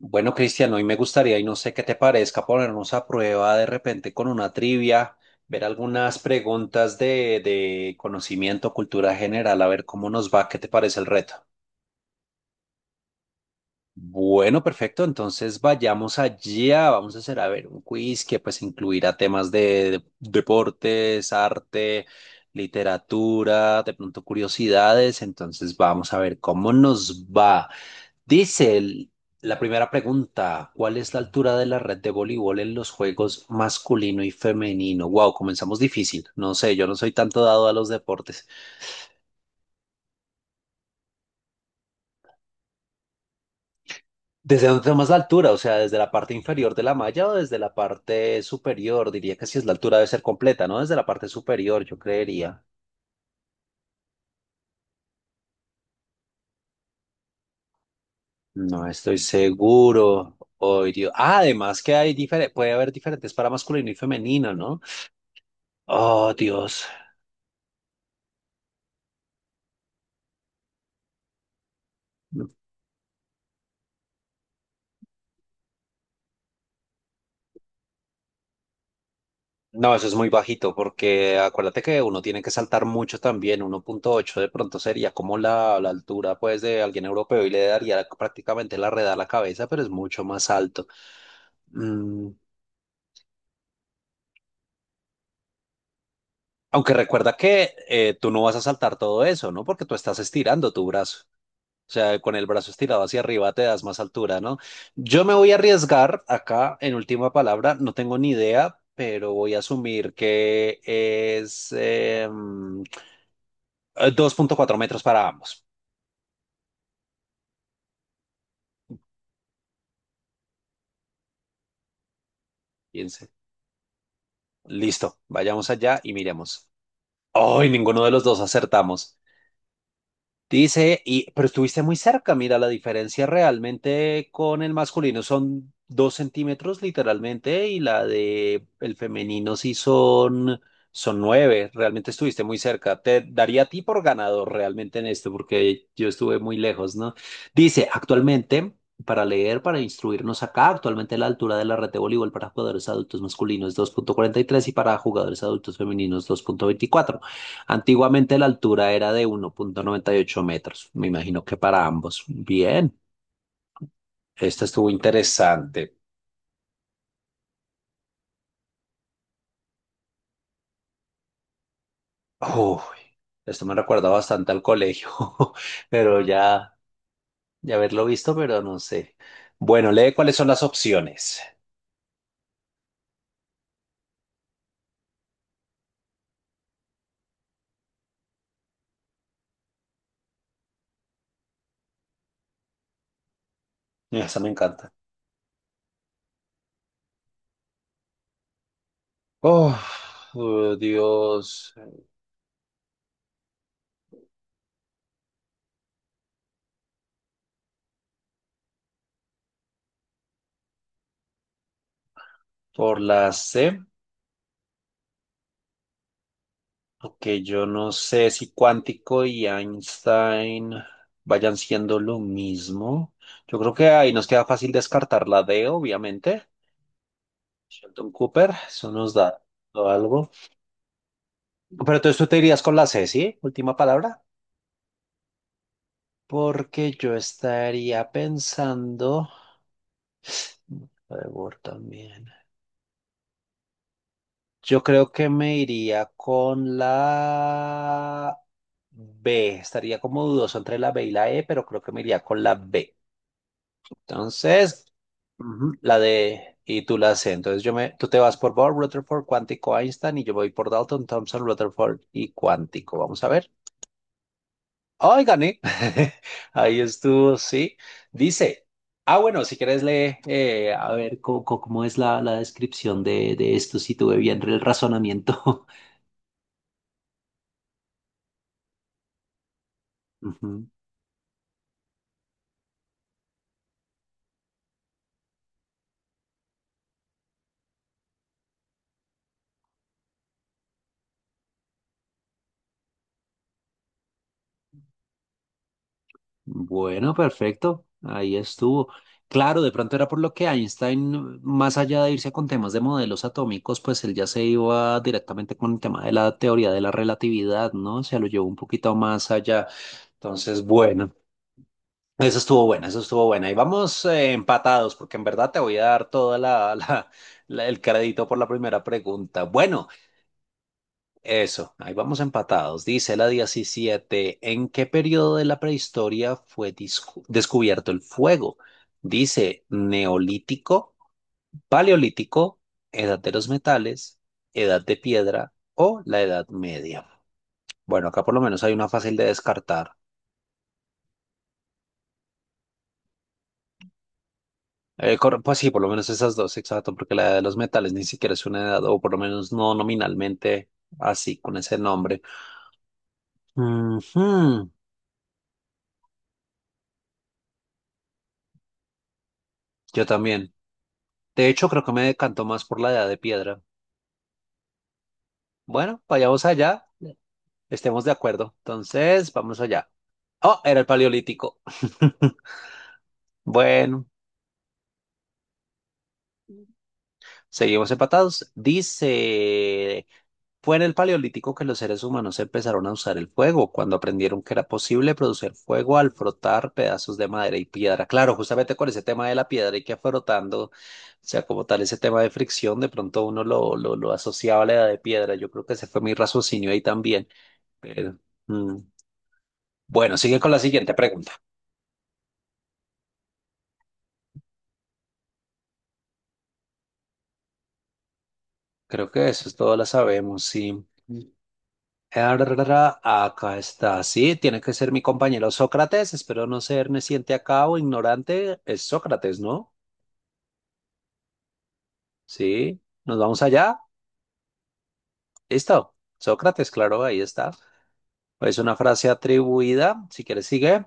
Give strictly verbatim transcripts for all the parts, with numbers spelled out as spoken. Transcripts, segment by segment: Bueno, Cristian, hoy me gustaría, y no sé qué te parezca, ponernos a prueba de repente con una trivia, ver algunas preguntas de, de conocimiento, cultura general, a ver cómo nos va, qué te parece el reto. Bueno, perfecto, entonces vayamos allá, vamos a hacer, a ver, un quiz que pues incluirá temas de, de- deportes, arte, literatura, de pronto curiosidades, entonces vamos a ver cómo nos va. Dice el- la primera pregunta, ¿cuál es la altura de la red de voleibol en los juegos masculino y femenino? Wow, comenzamos difícil. No sé, yo no soy tanto dado a los deportes. ¿Desde dónde tomas la altura? O sea, ¿desde la parte inferior de la malla o desde la parte superior? Diría que si es la altura debe ser completa, ¿no? Desde la parte superior, yo creería. No estoy seguro. Oh, Dios. Ah, además que hay difere- puede haber diferentes para masculino y femenino, ¿no? Oh, Dios. No, eso es muy bajito porque acuérdate que uno tiene que saltar mucho también. Uno punto ocho, de pronto sería como la, la altura pues de alguien europeo y le daría prácticamente la red a la cabeza, pero es mucho más alto. Mm, aunque recuerda que eh, tú no vas a saltar todo eso, ¿no? Porque tú estás estirando tu brazo. O sea, con el brazo estirado hacia arriba te das más altura, ¿no? Yo me voy a arriesgar acá en última palabra, no tengo ni idea, pero voy a asumir que es... em, Eh, dos punto cuatro metros para ambos. Piense. Listo, vayamos allá y miremos. ¡Ay, ninguno de los dos acertamos! Dice, y, pero estuviste muy cerca, mira, la diferencia realmente con el masculino son dos centímetros literalmente y la de el femenino sí son, son, nueve, realmente estuviste muy cerca. Te daría a ti por ganador realmente en esto porque yo estuve muy lejos, ¿no? Dice, actualmente, para leer, para instruirnos acá, actualmente la altura de la red de voleibol para jugadores adultos masculinos es dos punto cuarenta y tres y para jugadores adultos femeninos dos punto veinticuatro. Antiguamente la altura era de uno punto noventa y ocho metros. Me imagino que para ambos. Bien, esta estuvo interesante. Uy, esto me recuerda bastante al colegio, pero ya, ya haberlo visto, pero no sé. Bueno, lee cuáles son las opciones. Esa me encanta. Oh, oh, Dios, por la C. Ok, yo no sé si cuántico y Einstein vayan siendo lo mismo. Yo creo que ahí nos queda fácil descartar la D, obviamente. Sheldon Cooper, eso nos da algo. Pero entonces tú te irías con la C, ¿sí? Última palabra. Porque yo estaría pensando. Trevor también. Yo creo que me iría con la B. Estaría como dudoso entre la B y la E, pero creo que me iría con la B. Entonces, Ujú. La de, y tú la C. Entonces, yo me, tú te vas por Bohr, Rutherford, cuántico, Einstein, y yo voy por Dalton, thomson, Rutherford y cuántico. Vamos a ver. ¡Ay, gané! Ahí estuvo, sí. Dice, ah, bueno, si quieres lee, eh, a ver, co- co- cómo, es la, la descripción de, de esto, si tuve bien el razonamiento. Ujú. Bueno, perfecto. Ahí estuvo. Claro, de pronto era por lo que Einstein, más allá de irse con temas de modelos atómicos, pues él ya se iba directamente con el tema de la teoría de la relatividad, ¿no? Se lo llevó un poquito más allá. Entonces, bueno, eso estuvo bueno, eso estuvo bueno. Y vamos eh, empatados, porque en verdad te voy a dar toda la, la- la- el crédito por la primera pregunta. Bueno, eso, ahí vamos empatados. Dice la diecisiete. ¿En qué periodo de la prehistoria fue discu- descubierto el fuego? Dice neolítico, paleolítico, edad de los metales, edad de piedra o la edad media. Bueno, acá por lo menos hay una fácil de descartar. Eh, cor- pues sí, por lo menos esas dos, exacto, porque la edad de los metales ni siquiera es una edad, o por lo menos no nominalmente así, con ese nombre. Ujú. Yo también. De hecho, creo que me decantó más por la edad de piedra. Bueno, vayamos allá, estemos de acuerdo. Entonces, vamos allá. Oh, era el paleolítico. Bueno, seguimos empatados. Dice, fue en el paleolítico que los seres humanos empezaron a usar el fuego, cuando aprendieron que era posible producir fuego al frotar pedazos de madera y piedra. Claro, justamente con ese tema de la piedra y que frotando, o sea, como tal ese tema de fricción, de pronto uno lo, lo, lo asociaba a la edad de piedra. Yo creo que ese fue mi raciocinio ahí también. Pero, mm. Bueno, sigue con la siguiente pregunta. Creo que eso es todo, la sabemos, sí. Arrarara. Acá está, sí, tiene que ser mi compañero Sócrates. Espero no ser neciente acá o ignorante. Es Sócrates, ¿no? Sí, nos vamos allá. Listo. Sócrates, claro, ahí está. Es una frase atribuida. Si quieres, sigue.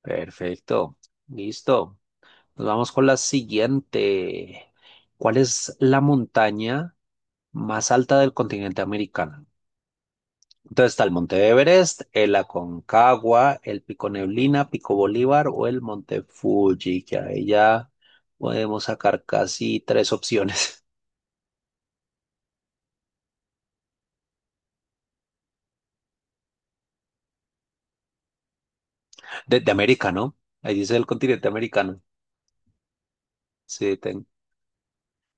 Perfecto. Listo. Nos vamos con la siguiente. ¿Cuál es la montaña más alta del continente americano? Entonces está el Monte Everest, el Aconcagua, el Pico Neblina, Pico Bolívar o el Monte Fuji, que ahí ya podemos sacar casi tres opciones de, de América, ¿no? Ahí dice el continente americano. Sí, ten-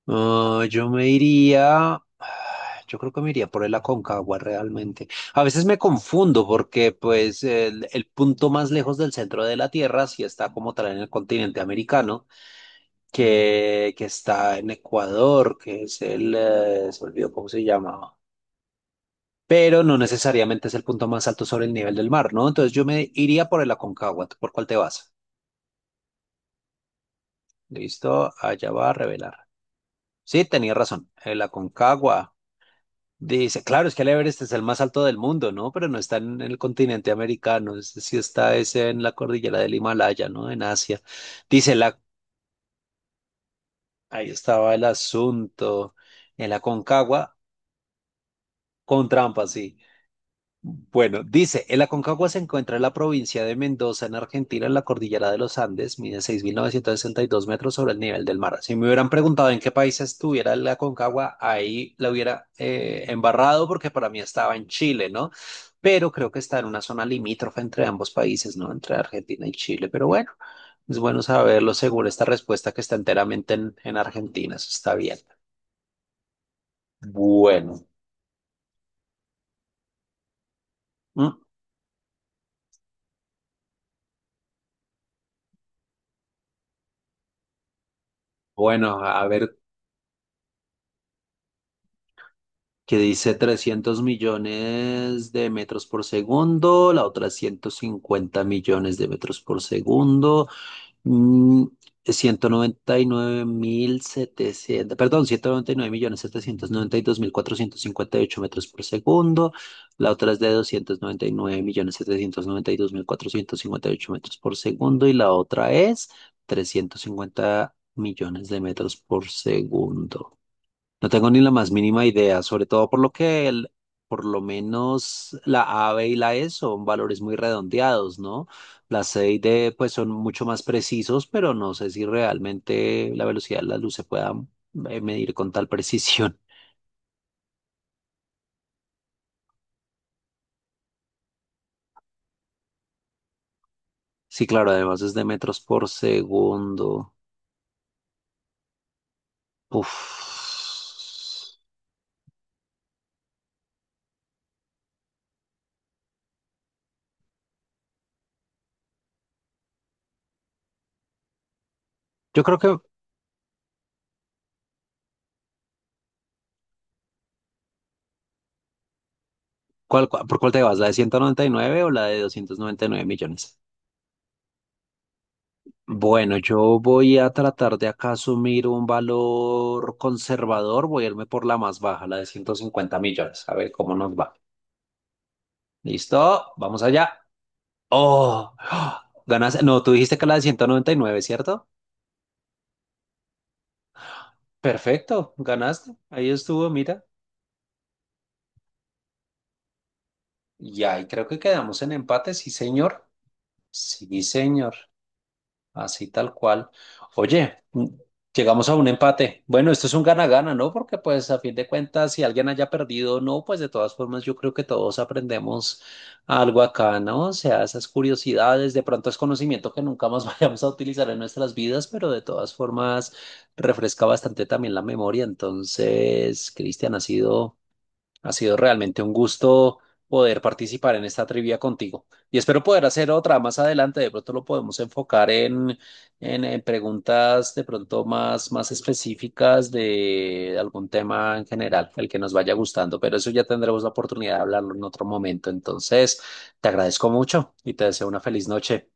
ah, yo me iría, yo creo que me iría por el Aconcagua realmente. A veces me confundo porque pues el, el punto más lejos del centro de la Tierra sí está como tal en el continente americano que, que está en Ecuador, que es el, eh, se me olvidó cómo se llamaba, pero no necesariamente es el punto más alto sobre el nivel del mar, ¿no? Entonces yo me iría por el Aconcagua. ¿Tú por cuál te vas? Listo, allá va a revelar. Sí, tenía razón, el Aconcagua. Dice, claro, es que el Everest es el más alto del mundo, ¿no? Pero no está en el continente americano, es sí está ese en la cordillera del Himalaya, ¿no? En Asia. Dice, la, ahí estaba el asunto, el Aconcagua, con trampa, sí. Bueno, dice, el Aconcagua se encuentra en la provincia de Mendoza, en Argentina, en la cordillera de los Andes, mide seis mil novecientos sesenta y dos metros sobre el nivel del mar. Si me hubieran preguntado en qué país estuviera el Aconcagua, ahí la hubiera eh, embarrado porque para mí estaba en Chile, ¿no? Pero creo que está en una zona limítrofe entre ambos países, ¿no? Entre Argentina y Chile. Pero bueno, es bueno saberlo según esta respuesta que está enteramente en, en Argentina, eso está bien. Bueno, mm, bueno, a ver que dice trescientos millones de metros por segundo, la otra ciento cincuenta millones de metros por segundo, mm, ciento noventa y nueve mil setecientos, perdón, ciento noventa y nueve millones setecientos noventa y dos mil cuatrocientos cincuenta y ocho metros por segundo, la otra es de doscientos noventa y nueve millones setecientos noventa y dos mil cuatrocientos cincuenta y ocho metros por segundo y la otra es trescientos cincuenta millones de metros por segundo. No tengo ni la más mínima idea, sobre todo por lo que el- por lo menos la A, B y la E son valores muy redondeados, ¿no? La C y D pues son mucho más precisos, pero no sé si realmente la velocidad de la luz se pueda eh, medir con tal precisión. Sí, claro, además es de metros por segundo. Uf. Yo creo que, ¿cuál, cuál- por cuál te vas? ¿La de ciento noventa y nueve o la de doscientos noventa y nueve millones? Bueno, yo voy a tratar de acá asumir un valor conservador, voy a irme por la más baja, la de ciento cincuenta millones, a ver cómo nos va. ¿Listo? Vamos allá. ¡Oh! ¡Ah! Ganaste. No, tú dijiste que la de ciento noventa y nueve, ¿cierto? Perfecto, ganaste. Ahí estuvo, mira. Y ahí creo que quedamos en empate, sí, señor. Sí, señor. Así tal cual. Oye, mm, llegamos a un empate. Bueno, esto es un gana-gana, ¿no? Porque pues a fin de cuentas, si alguien haya perdido o no, pues de todas formas yo creo que todos aprendemos algo acá, ¿no? O sea, esas curiosidades, de pronto es conocimiento que nunca más vayamos a utilizar en nuestras vidas, pero de todas formas refresca bastante también la memoria. Entonces, Cristian, ha sido ha sido realmente un gusto poder participar en esta trivia contigo y espero poder hacer otra más adelante. De pronto lo podemos enfocar en, en, eh, preguntas de pronto más, más específicas de algún tema en general, el que nos vaya gustando, pero eso ya tendremos la oportunidad de hablarlo en otro momento. Entonces, te agradezco mucho y te deseo una feliz noche.